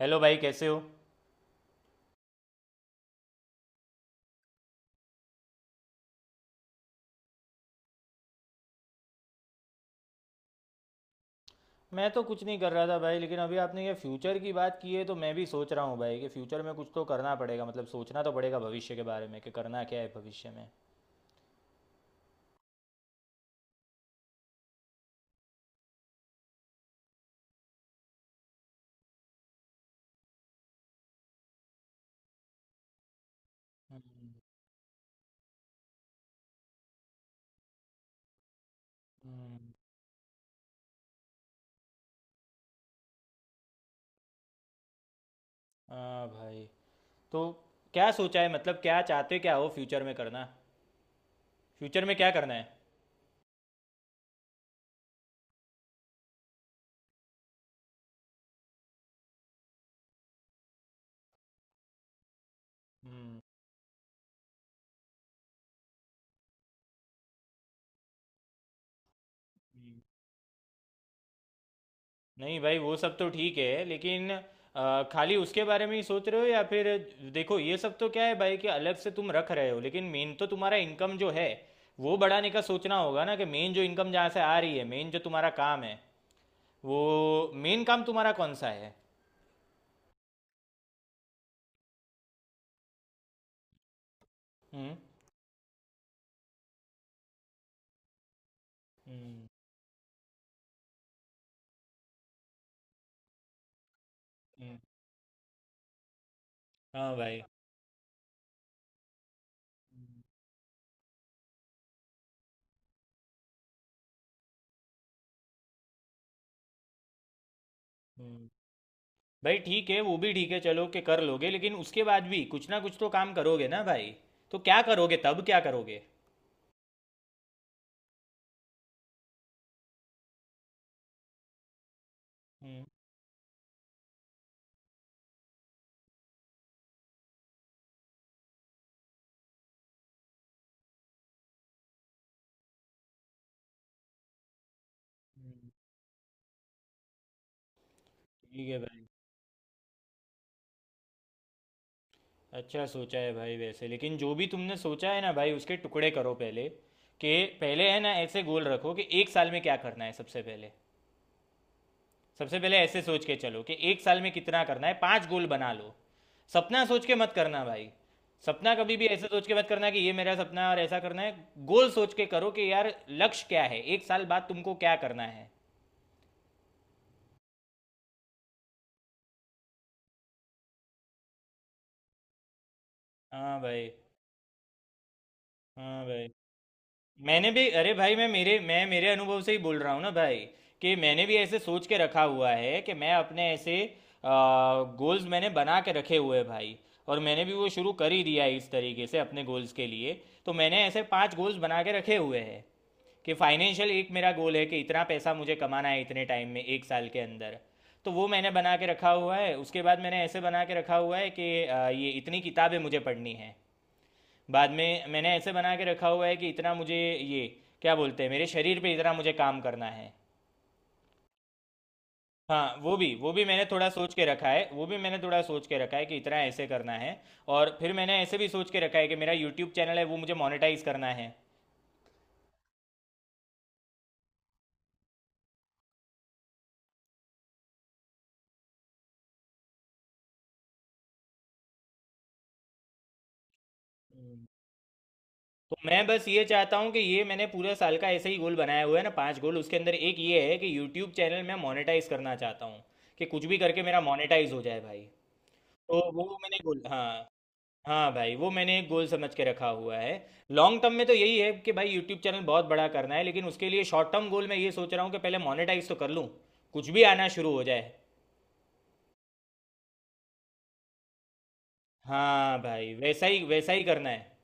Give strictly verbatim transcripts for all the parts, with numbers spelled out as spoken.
Hello भाई कैसे हो। मैं तो कुछ नहीं कर रहा था भाई, लेकिन अभी आपने ये फ्यूचर की बात की है तो मैं भी सोच रहा हूँ भाई कि फ्यूचर में कुछ तो करना पड़ेगा, मतलब सोचना तो पड़ेगा भविष्य के बारे में, कि करना क्या है भविष्य में। हम्म। हाँ भाई। तो क्या सोचा है, मतलब क्या चाहते क्या हो फ्यूचर में करना? फ्यूचर में क्या करना है? हम्म। नहीं भाई, वो सब तो ठीक है, लेकिन अ, खाली उसके बारे में ही सोच रहे हो, या फिर देखो ये सब तो क्या है भाई कि अलग से तुम रख रहे हो, लेकिन मेन तो तुम्हारा इनकम जो है वो बढ़ाने का सोचना होगा ना, कि मेन जो इनकम जहाँ से आ रही है, मेन जो तुम्हारा काम है, वो मेन काम तुम्हारा कौन सा है? हम्म। हम्म। हम्म, हाँ भाई। हम्म। भाई ठीक है, वो भी ठीक है, चलो कि कर लोगे, लेकिन उसके बाद भी कुछ ना कुछ तो काम करोगे ना भाई, तो क्या करोगे, तब क्या करोगे? हम्म। हम्म, ठीक है भाई। अच्छा सोचा है भाई वैसे, लेकिन जो भी तुमने सोचा है ना भाई, उसके टुकड़े करो पहले, कि पहले, है ना, ऐसे गोल रखो कि एक साल में क्या करना है। सबसे पहले, सबसे पहले ऐसे सोच के चलो कि एक साल में कितना करना है, पांच गोल बना लो। सपना सोच के मत करना भाई, सपना कभी भी ऐसे सोच के मत करना कि ये मेरा सपना है और ऐसा करना है। गोल सोच के करो कि यार, लक्ष्य क्या है, एक साल बाद तुमको क्या करना है। हाँ भाई। हाँ भाई। मैंने भी, अरे भाई, मैं मेरे मैं मेरे अनुभव से ही बोल रहा हूँ ना भाई, कि मैंने भी ऐसे सोच के रखा हुआ है, कि मैं अपने ऐसे गोल्स मैंने बना के रखे हुए हैं भाई, और मैंने भी वो शुरू कर ही दिया है इस तरीके से अपने गोल्स के लिए। तो मैंने ऐसे पांच गोल्स बना के रखे हुए हैं कि फाइनेंशियल एक मेरा गोल है, कि इतना पैसा मुझे कमाना है इतने टाइम में, एक साल के अंदर। तो वो मैंने बना के रखा हुआ है। उसके बाद मैंने ऐसे बना के रखा हुआ है कि अ, ये इतनी किताबें मुझे पढ़नी है। बाद में मैंने ऐसे बना के रखा हुआ है कि इतना मुझे, ये क्या बोलते हैं, मेरे शरीर पे इतना मुझे काम करना है। हाँ, वो भी वो भी मैंने थोड़ा सोच के रखा है, वो भी मैंने थोड़ा सोच के रखा है कि इतना ऐसे करना है। और फिर मैंने ऐसे भी सोच के रखा है कि मेरा यूट्यूब चैनल है, वो मुझे मोनेटाइज करना है। हम्म, तो मैं बस ये चाहता हूँ कि ये मैंने पूरे साल का ऐसे ही गोल बनाया हुआ है ना, पांच गोल, उसके अंदर एक ये है कि यूट्यूब चैनल मैं मोनेटाइज करना चाहता हूँ, कि कुछ भी करके मेरा मोनेटाइज हो जाए भाई। तो वो मैंने गोल, हाँ, हाँ भाई, वो मैंने एक गोल समझ के रखा हुआ है। लॉन्ग टर्म में तो यही है कि भाई यूट्यूब चैनल बहुत बड़ा करना है, लेकिन उसके लिए शॉर्ट टर्म गोल मैं ये सोच रहा हूँ कि पहले मोनेटाइज तो कर लूँ, कुछ भी आना शुरू हो जाए। हाँ भाई, वैसा ही वैसा ही करना है।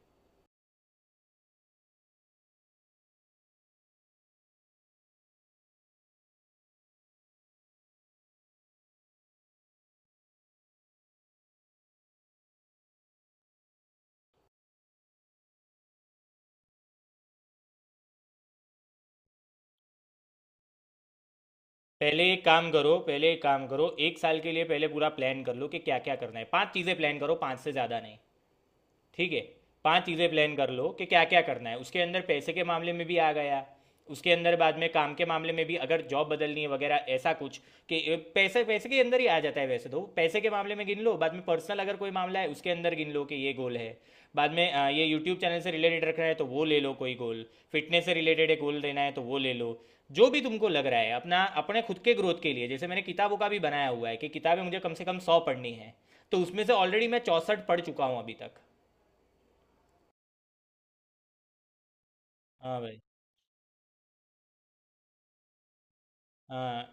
पहले एक काम करो, पहले एक काम करो, एक साल के लिए पहले पूरा प्लान कर लो कि क्या क्या करना है, पांच चीज़ें प्लान करो, पांच से ज़्यादा नहीं। ठीक है? पांच चीज़ें प्लान कर लो कि क्या क्या करना है, उसके अंदर पैसे के मामले में भी आ गया, उसके अंदर बाद में काम के मामले में भी, अगर जॉब बदलनी है वगैरह ऐसा कुछ, कि अ, पैसे, पैसे के अंदर ही आ जाता है वैसे, तो पैसे के मामले में गिन लो। बाद में पर्सनल, अगर कोई मामला है उसके अंदर गिन लो कि ये गोल है। बाद में अ, ये यूट्यूब चैनल से रिलेटेड रखना है तो वो ले लो कोई गोल। फिटनेस से रिलेटेड है, गोल देना है तो वो ले लो। जो भी तुमको लग रहा है अपना, अपने खुद के ग्रोथ के लिए, जैसे मैंने किताबों का भी बनाया हुआ है कि किताबें मुझे कम से कम सौ पढ़नी है, तो उसमें से ऑलरेडी मैं चौंसठ पढ़ चुका हूँ अभी तक। हाँ भाई। हाँ,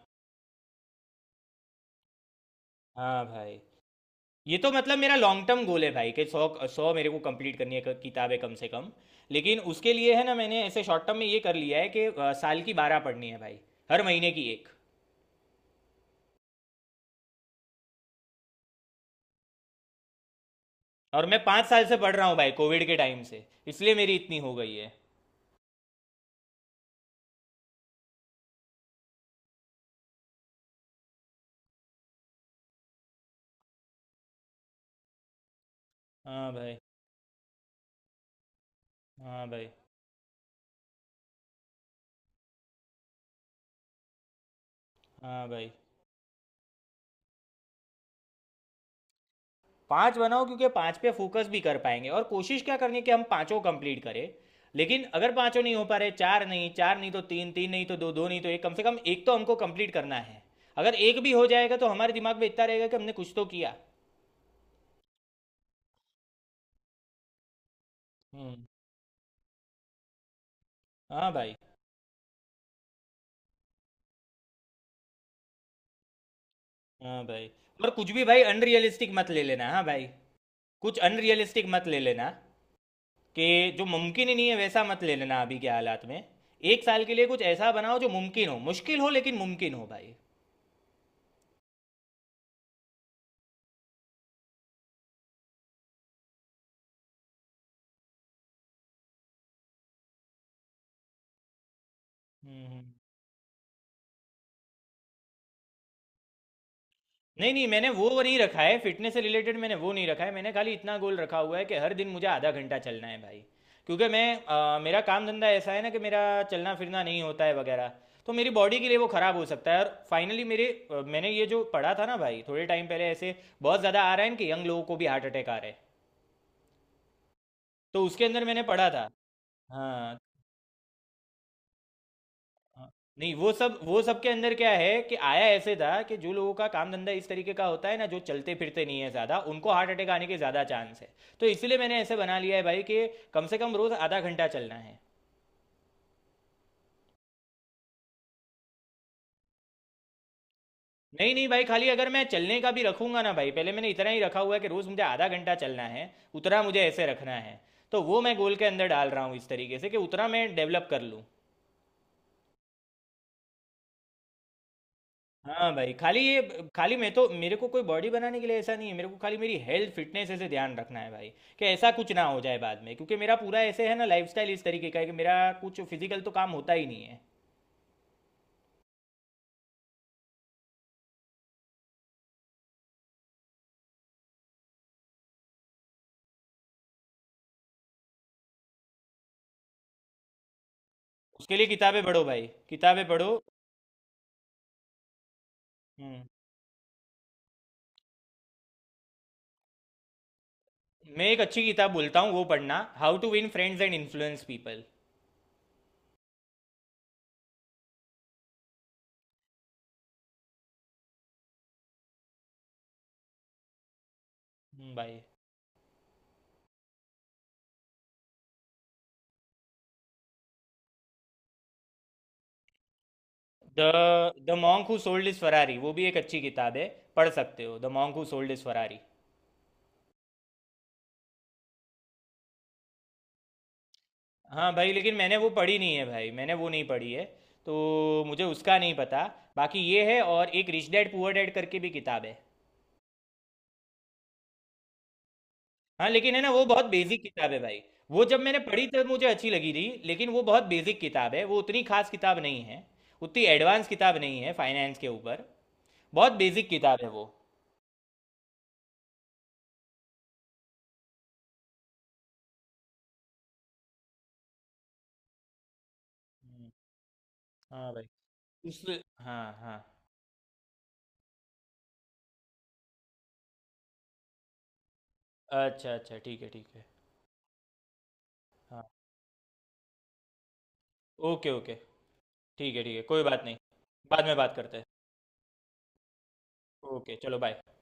हाँ भाई। ये तो मतलब मेरा लॉन्ग टर्म गोल है भाई कि सौ सौ मेरे को कंप्लीट करनी है क- किताबें, कम से कम। लेकिन उसके लिए, है ना, मैंने ऐसे शॉर्ट टर्म में ये कर लिया है कि अ, साल की बारह पढ़नी है भाई, हर महीने की एक। और मैं पाँच साल से पढ़ रहा हूँ भाई, कोविड के टाइम से, इसलिए मेरी इतनी हो गई है। हाँ भाई। हाँ भाई। हाँ भाई। पांच बनाओ, क्योंकि पांच पे फोकस भी कर पाएंगे, और कोशिश क्या करनी है कि हम पांचों कंप्लीट करें। लेकिन अगर पांचों नहीं हो पा रहे, चार नहीं, चार नहीं तो तीन, तीन नहीं तो दो, दो नहीं तो एक, कम से कम एक तो हमको कंप्लीट करना है। अगर एक भी हो जाएगा तो हमारे दिमाग में इतना रहेगा कि हमने कुछ तो किया। हम्म, हाँ भाई। हाँ भाई। और कुछ भी भाई अनरियलिस्टिक मत ले लेना, हाँ भाई, कुछ अनरियलिस्टिक मत ले लेना, कि जो मुमकिन ही नहीं है वैसा मत ले लेना अभी के हालात में। एक साल के लिए कुछ ऐसा बनाओ जो मुमकिन हो, मुश्किल हो लेकिन मुमकिन हो भाई। हम्म। नहीं नहीं, मैंने वो नहीं रखा है फिटनेस से रिलेटेड, मैंने वो नहीं रखा है, मैंने खाली इतना गोल रखा हुआ है कि हर दिन मुझे आधा घंटा चलना है भाई। क्योंकि मैं, अ, मेरा काम धंधा ऐसा है ना कि मेरा चलना फिरना नहीं होता है वगैरह, तो मेरी बॉडी के लिए वो ख़राब हो सकता है। और फाइनली मेरे, अ, मैंने ये जो पढ़ा था ना भाई थोड़े टाइम पहले ऐसे, बहुत ज़्यादा आ रहा है ना कि यंग लोगों को भी हार्ट अटैक आ रहे हैं, तो उसके अंदर मैंने पढ़ा था। हाँ। हाँ, नहीं वो सब वो सब के अंदर क्या है कि आया ऐसे था कि जो लोगों का काम धंधा इस तरीके का होता है ना, जो चलते फिरते नहीं है ज़्यादा, उनको हार्ट अटैक आने के ज़्यादा चांस है। तो इसीलिए मैंने ऐसे बना लिया है भाई कि कम से कम रोज़ आधा घंटा चलना है। नहीं नहीं भाई, खाली अगर मैं चलने का भी रखूंगा ना भाई, पहले मैंने इतना ही रखा हुआ है कि रोज़ मुझे आधा घंटा चलना है, उतना मुझे ऐसे रखना है। तो वो मैं गोल के अंदर डाल रहा हूँ इस तरीके से, कि उतना मैं डेवलप कर लूँ। हाँ भाई, खाली ये, खाली मैं तो मेरे को कोई बॉडी बनाने के लिए ऐसा नहीं है, मेरे को खाली मेरी हेल्थ फिटनेस ऐसे ध्यान रखना है भाई, कि ऐसा कुछ ना हो जाए बाद में, क्योंकि मेरा पूरा ऐसे है ना, लाइफस्टाइल इस तरीके का है कि मेरा कुछ फिजिकल तो काम होता ही नहीं है। उसके लिए किताबें पढ़ो भाई, किताबें पढ़ो। हम्म मैं एक अच्छी किताब बोलता हूँ, वो पढ़ना, how to win friends and influence people. भाई, the the monk who sold his Ferrari वो भी एक अच्छी किताब है, पढ़ सकते हो, the monk who sold his Ferrari. हाँ भाई, लेकिन मैंने वो पढ़ी नहीं है भाई, मैंने वो नहीं पढ़ी है, तो मुझे उसका नहीं पता। बाकी ये है, और एक रिच डैड पुअर डैड करके भी किताब है। हाँ, लेकिन है ना वो बहुत बेसिक किताब है भाई, वो जब मैंने पढ़ी तब मुझे अच्छी लगी थी, लेकिन वो बहुत बेसिक किताब है, वो उतनी खास किताब नहीं है, उतनी एडवांस किताब नहीं है फाइनेंस के ऊपर, बहुत बेसिक किताब है वो। हम्म, हाँ भाई। उस, हाँ हाँ। अच्छा अच्छा, ठीक है ठीक है। हाँ। Okay okay. ठीक है ठीक है, कोई बात नहीं, बाद में बात करते हैं। ओके, चलो बाय।